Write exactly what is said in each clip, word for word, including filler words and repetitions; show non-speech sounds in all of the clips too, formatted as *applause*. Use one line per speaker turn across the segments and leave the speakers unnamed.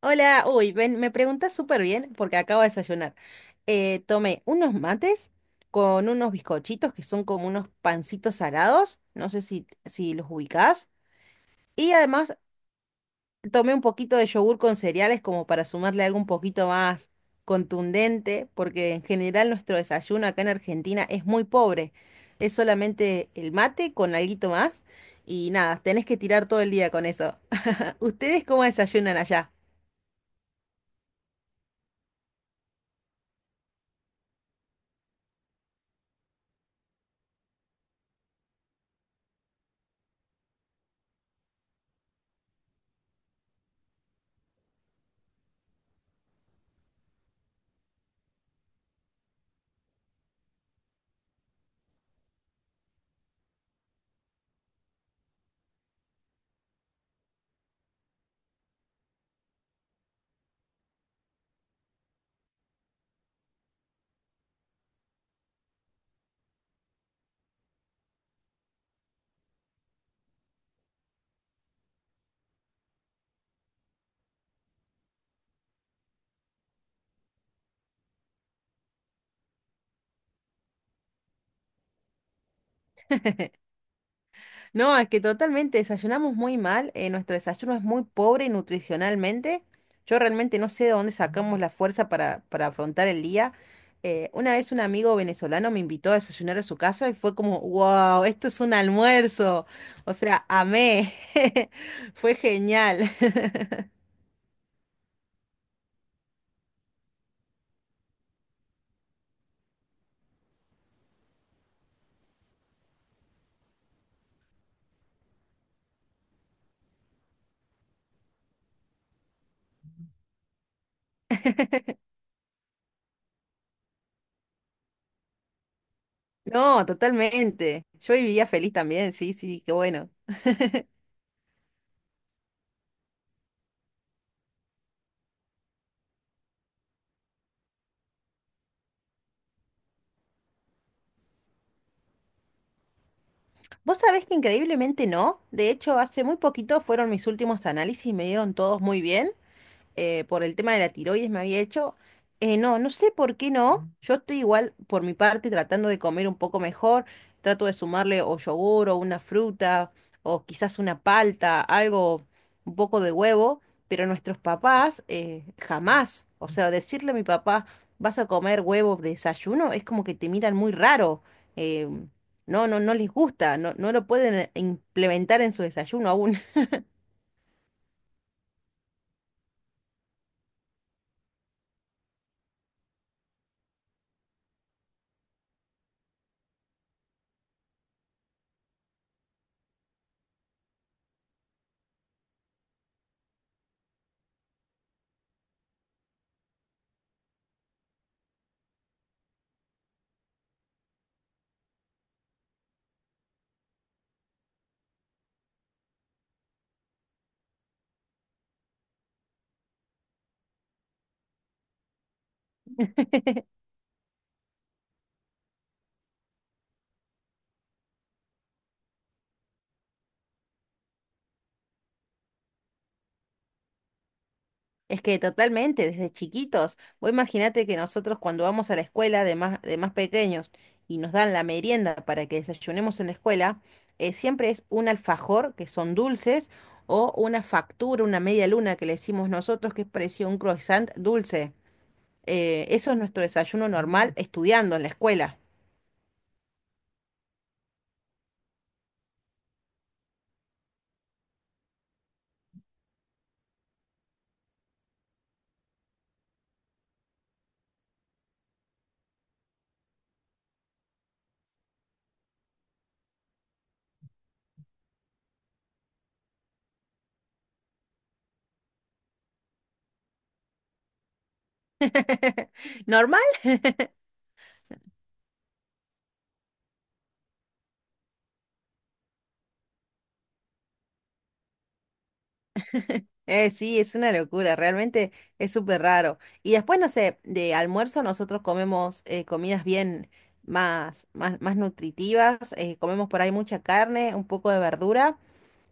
Hola, uy, ven, me preguntas súper bien porque acabo de desayunar. Eh, tomé unos mates con unos bizcochitos que son como unos pancitos salados, no sé si, si los ubicás, y además tomé un poquito de yogur con cereales como para sumarle algo un poquito más contundente, porque en general nuestro desayuno acá en Argentina es muy pobre, es solamente el mate con alguito más y nada, tenés que tirar todo el día con eso. *laughs* ¿Ustedes cómo desayunan allá? No, es que totalmente desayunamos muy mal, eh, nuestro desayuno es muy pobre nutricionalmente. Yo realmente no sé de dónde sacamos la fuerza para, para afrontar el día. Eh, una vez un amigo venezolano me invitó a desayunar a su casa y fue como, wow, esto es un almuerzo. O sea, amé. *laughs* Fue genial. *laughs* No, totalmente. Yo vivía feliz también, sí, sí, qué bueno. Vos sabés que increíblemente no. De hecho, hace muy poquito fueron mis últimos análisis y me dieron todos muy bien. Eh, por el tema de la tiroides me había hecho. Eh, no, no sé por qué no. Yo estoy igual por mi parte tratando de comer un poco mejor. Trato de sumarle o yogur o una fruta o quizás una palta, algo, un poco de huevo. Pero nuestros papás eh, jamás. O sea, decirle a mi papá, vas a comer huevo de desayuno, es como que te miran muy raro. eh, no, no, no les gusta, no, no lo pueden eh, implementar en su desayuno aún. *laughs* Es que totalmente, desde chiquitos. Vos imaginate que nosotros cuando vamos a la escuela de más, de más pequeños y nos dan la merienda para que desayunemos en la escuela, eh, siempre es un alfajor, que son dulces, o una factura, una media luna que le decimos nosotros, que es parecido a un croissant dulce. Eh, eso es nuestro desayuno normal estudiando en la escuela. *laughs* Normal. Eh, sí, es una locura, realmente es súper raro. Y después, no sé, de almuerzo nosotros comemos eh, comidas bien más, más, más nutritivas, eh, comemos por ahí mucha carne, un poco de verdura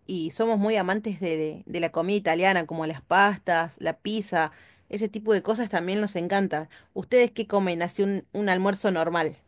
y somos muy amantes de, de la comida italiana, como las pastas, la pizza, ese tipo de cosas también nos encanta. ¿Ustedes qué comen? Así un, un almuerzo normal.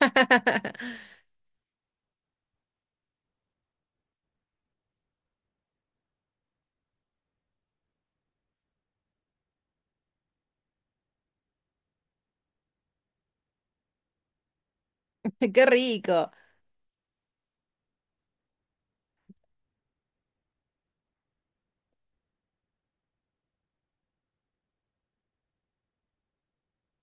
*laughs* ¡Qué rico!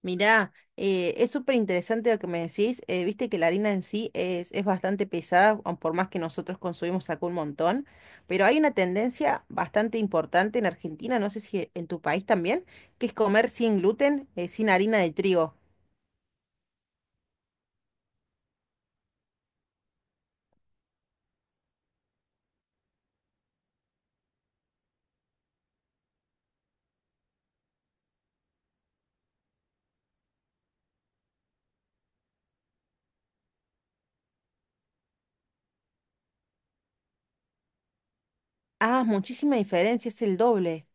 Mirá, eh, es súper interesante lo que me decís. Eh, viste que la harina en sí es, es bastante pesada, aun por más que nosotros consumimos acá un montón, pero hay una tendencia bastante importante en Argentina, no sé si en tu país también, que es comer sin gluten, eh, sin harina de trigo. Ah, muchísima diferencia, es el doble.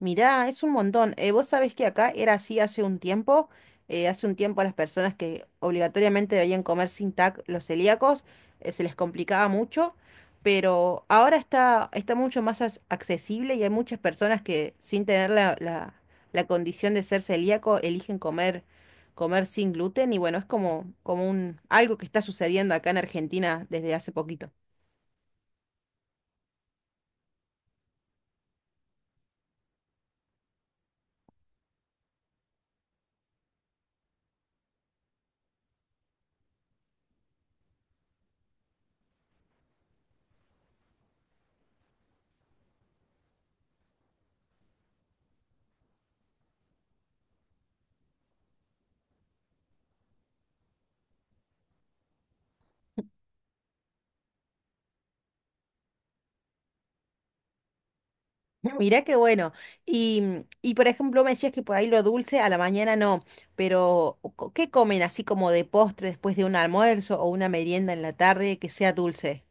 Mirá, es un montón. Eh, vos sabés que acá era así hace un tiempo. Eh, hace un tiempo a las personas que obligatoriamente debían comer sin T A C los celíacos, eh, se les complicaba mucho, pero ahora está, está mucho más as- accesible y hay muchas personas que sin tener la, la- la condición de ser celíaco eligen comer, comer sin gluten y bueno, es como, como un, algo que está sucediendo acá en Argentina desde hace poquito. *laughs* Mirá qué bueno. Y, mm, y por ejemplo, me decías que por ahí lo dulce a la mañana no, pero co- ¿qué comen así como de postre después de un almuerzo o una merienda en la tarde que sea dulce?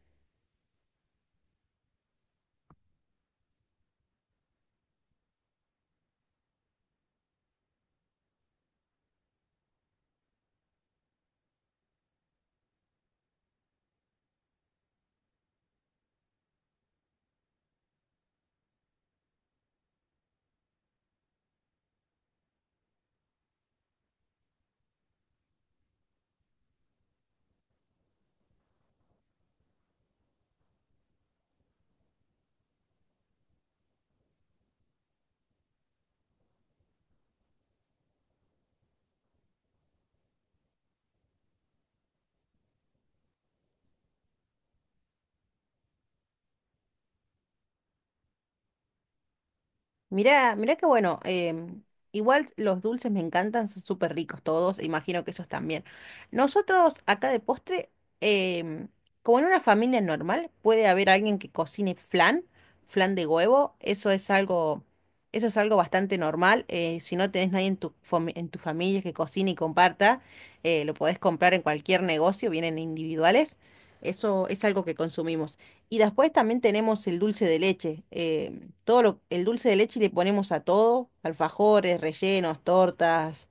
Mirá, mirá qué bueno. Em, igual los dulces me encantan, son súper ricos todos, imagino que esos también. Nosotros acá de postre, em, como en una familia normal, puede haber alguien que cocine flan, flan de huevo, eso es algo, eso es algo bastante normal. Eh, si no tenés nadie en tu, fami- en tu familia que cocine y comparta, eh, lo podés comprar en cualquier negocio, vienen individuales. Eso es algo que consumimos. Y después también tenemos el dulce de leche. Em, todo lo- el dulce de leche le ponemos a todo, alfajores, rellenos, tortas,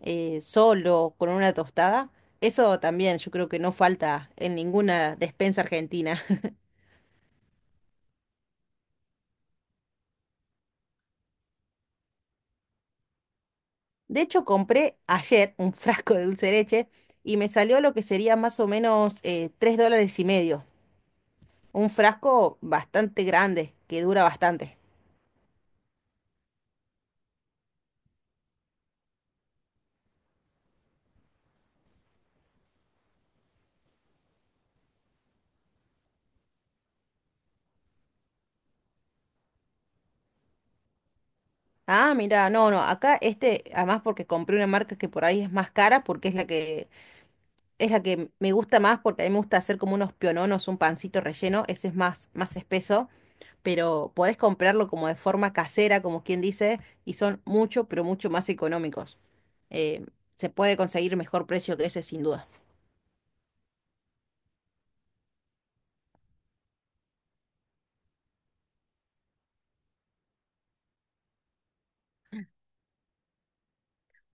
eh, solo, con una tostada. Eso también yo creo que no falta en ninguna despensa argentina. *laughs* De hecho, compré ayer un frasco de dulce de leche y me salió lo que sería más o menos eh, tres dólares y medio. Un frasco bastante grande, que dura bastante. Ah, mira, no, no, acá este, además porque compré una marca que por ahí es más cara, porque es la que es la que me gusta más porque a mí me gusta hacer como unos piononos, un pancito relleno, ese es más, más espeso, pero podés comprarlo como de forma casera, como quien dice, y son mucho, pero mucho más económicos. Eh, Se puede conseguir mejor precio que ese sin duda.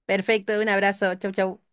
Perfecto, un abrazo, chau chau.